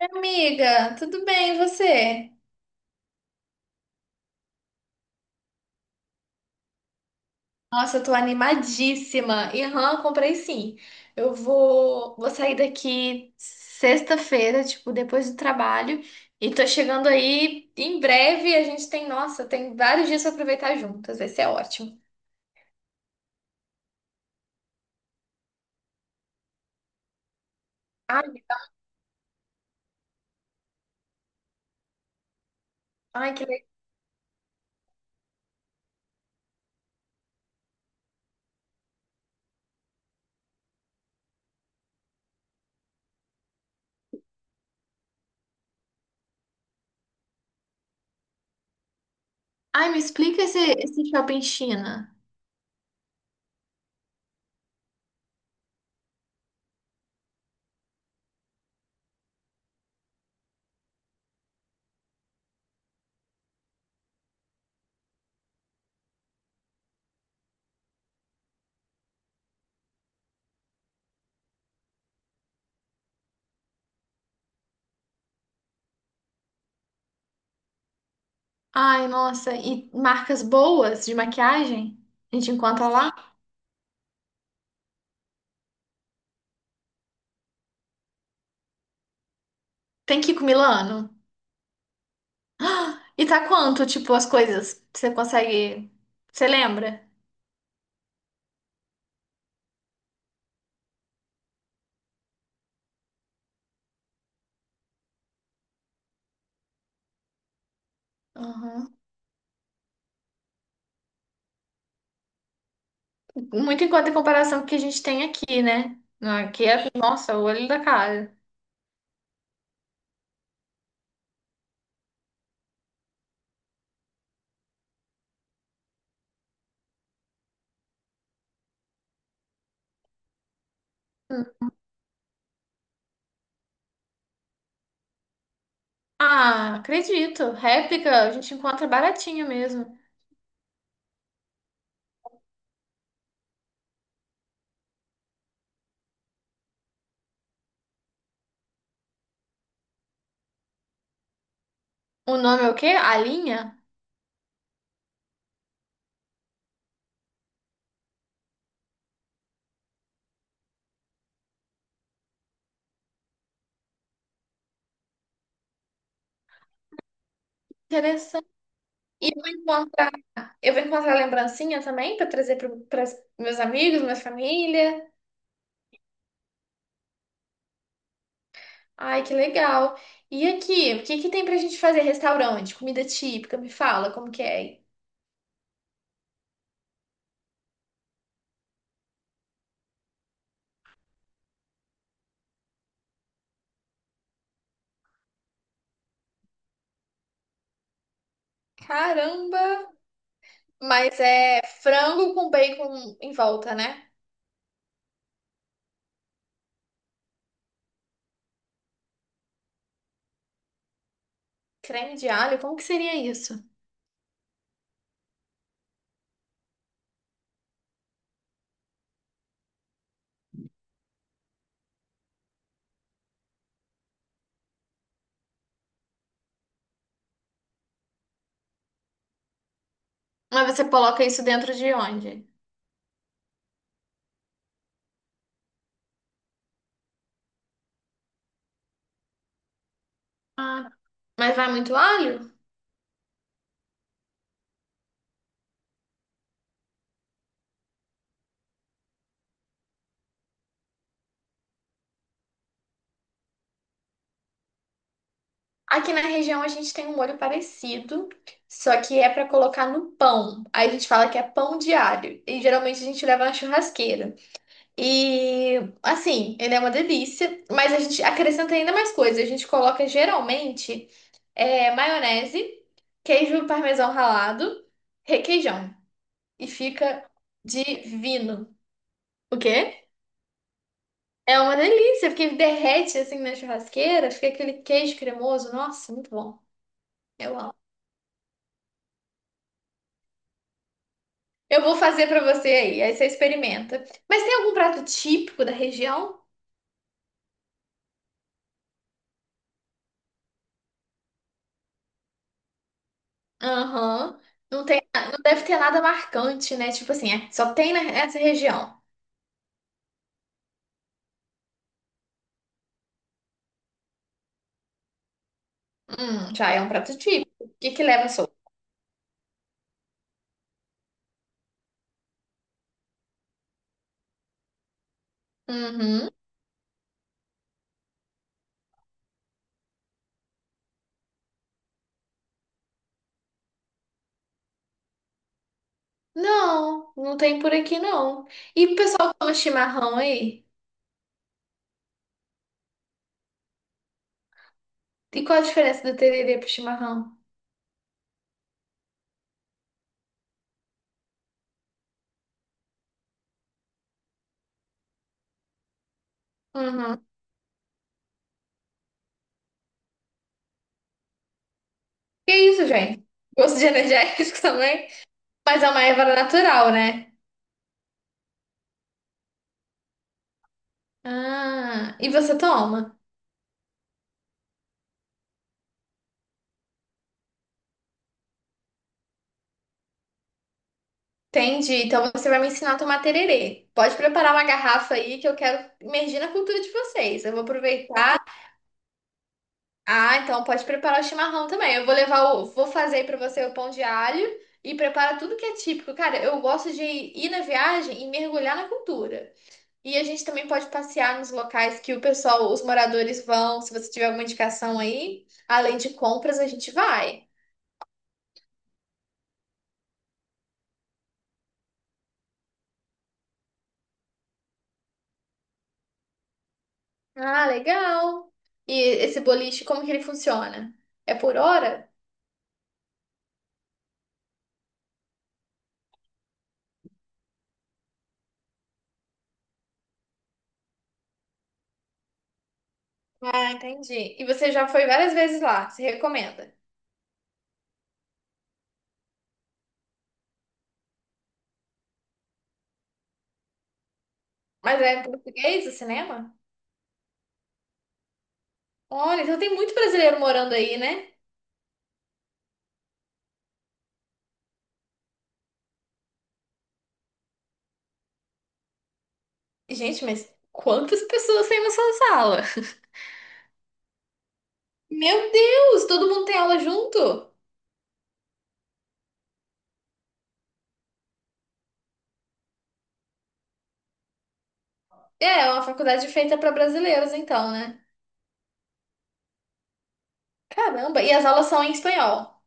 Amiga, tudo bem, e você? Nossa, eu tô animadíssima. Irã, comprei sim. Eu vou sair daqui sexta-feira, tipo, depois do trabalho. E tô chegando aí em breve. A gente nossa, tem vários dias pra aproveitar juntas. Vai ser ótimo. Ai, ai, que legal. Ai, me explica esse shopping China. Ai, nossa, e marcas boas de maquiagem? A gente encontra lá? Tem que ir com Milano? E tá quanto, tipo, as coisas? Você consegue. Você lembra? Aham. Muito em conta em comparação com o que a gente tem aqui, né? Não, aqui é, nossa, o olho da cara. Hum. Ah, acredito. Réplica a gente encontra baratinho mesmo. O nome é o quê? A linha? Interessante. E eu vou encontrar lembrancinha também para trazer para meus amigos, minha família. Ai, que legal. E aqui, o que que tem pra gente fazer? Restaurante, comida típica, me fala como que é. Caramba! Mas é frango com bacon em volta, né? Creme de alho, como que seria isso? Mas você coloca isso dentro de onde? Ah, mas vai muito alho? Aqui na região a gente tem um molho parecido, só que é para colocar no pão. Aí a gente fala que é pão de alho. E geralmente a gente leva na churrasqueira. E assim, ele é uma delícia, mas a gente acrescenta ainda mais coisas. A gente coloca geralmente é, maionese, queijo parmesão ralado, requeijão. E fica divino. O quê? É uma delícia, porque derrete assim na churrasqueira, fica aquele queijo cremoso. Nossa, muito bom. Eu amo. Eu vou fazer pra você aí, aí você experimenta. Mas tem algum prato típico da região? Aham. Não tem, não deve ter nada marcante, né? Tipo assim, é, só tem nessa região. Já é um prato típico. O que que leva sopa? Uhum. Não, não tem por aqui não. E o pessoal toma chimarrão aí? E qual a diferença do tererê pro chimarrão? Uhum. Que isso, gente? Gosto de energético também? Mas é uma erva natural, né? Ah, e você toma? Entendi. Então você vai me ensinar a tomar tererê. Pode preparar uma garrafa aí que eu quero imergir na cultura de vocês. Eu vou aproveitar. Ah, então pode preparar o chimarrão também. Eu vou levar o, Vou fazer aí pra você o pão de alho e prepara tudo que é típico. Cara, eu gosto de ir na viagem e mergulhar na cultura. E a gente também pode passear nos locais que o pessoal, os moradores vão. Se você tiver alguma indicação aí, além de compras, a gente vai. Ah, legal. E esse boliche, como que ele funciona? É por hora? Ah, entendi. E você já foi várias vezes lá, se recomenda. Mas é em português o cinema? Olha, então tem muito brasileiro morando aí, né? Gente, mas quantas pessoas tem na sua sala? Meu Deus, todo mundo tem aula junto? É, é uma faculdade feita para brasileiros, então, né? Caramba, e as aulas são em espanhol.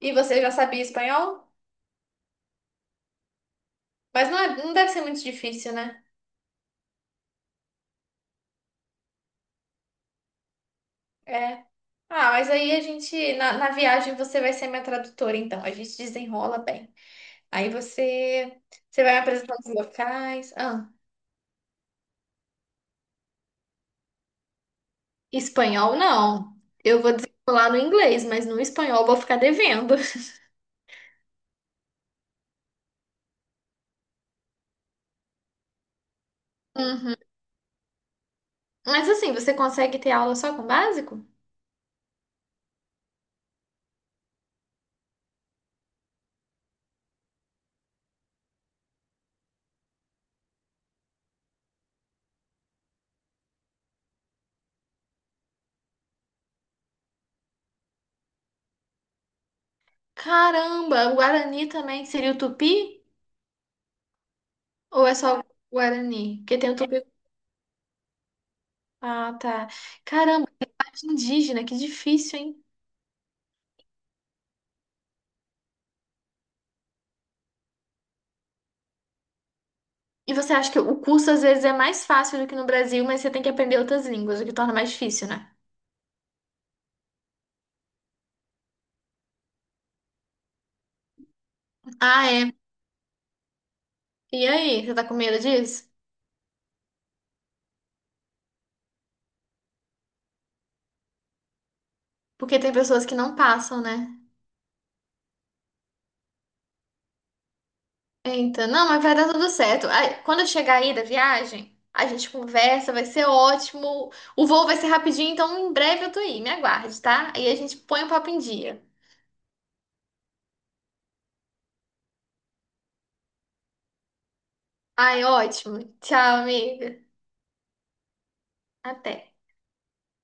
E você já sabia espanhol? Mas não, não deve ser muito difícil, né? É. Ah, mas aí a gente, na viagem, você vai ser minha tradutora, então. A gente desenrola bem. Aí você vai me apresentar os locais. Ah, espanhol, não. Eu vou desenrolar no inglês, mas no espanhol eu vou ficar devendo. Hum. Mas assim, você consegue ter aula só com básico? Caramba, o Guarani também seria o Tupi? Ou é só o Guarani? Porque tem o Tupi. Ah, tá. Caramba, arte indígena, que difícil, hein? E você acha que o curso às vezes é mais fácil do que no Brasil, mas você tem que aprender outras línguas, o que torna mais difícil, né? Ah, é. E aí, você tá com medo disso? Porque tem pessoas que não passam, né? Então, não, mas vai dar tudo certo. Aí, quando eu chegar aí da viagem, a gente conversa, vai ser ótimo. O voo vai ser rapidinho, então em breve eu tô aí, me aguarde, tá? Aí a gente põe o papo em dia. Ai, ótimo. Tchau, amiga. Até.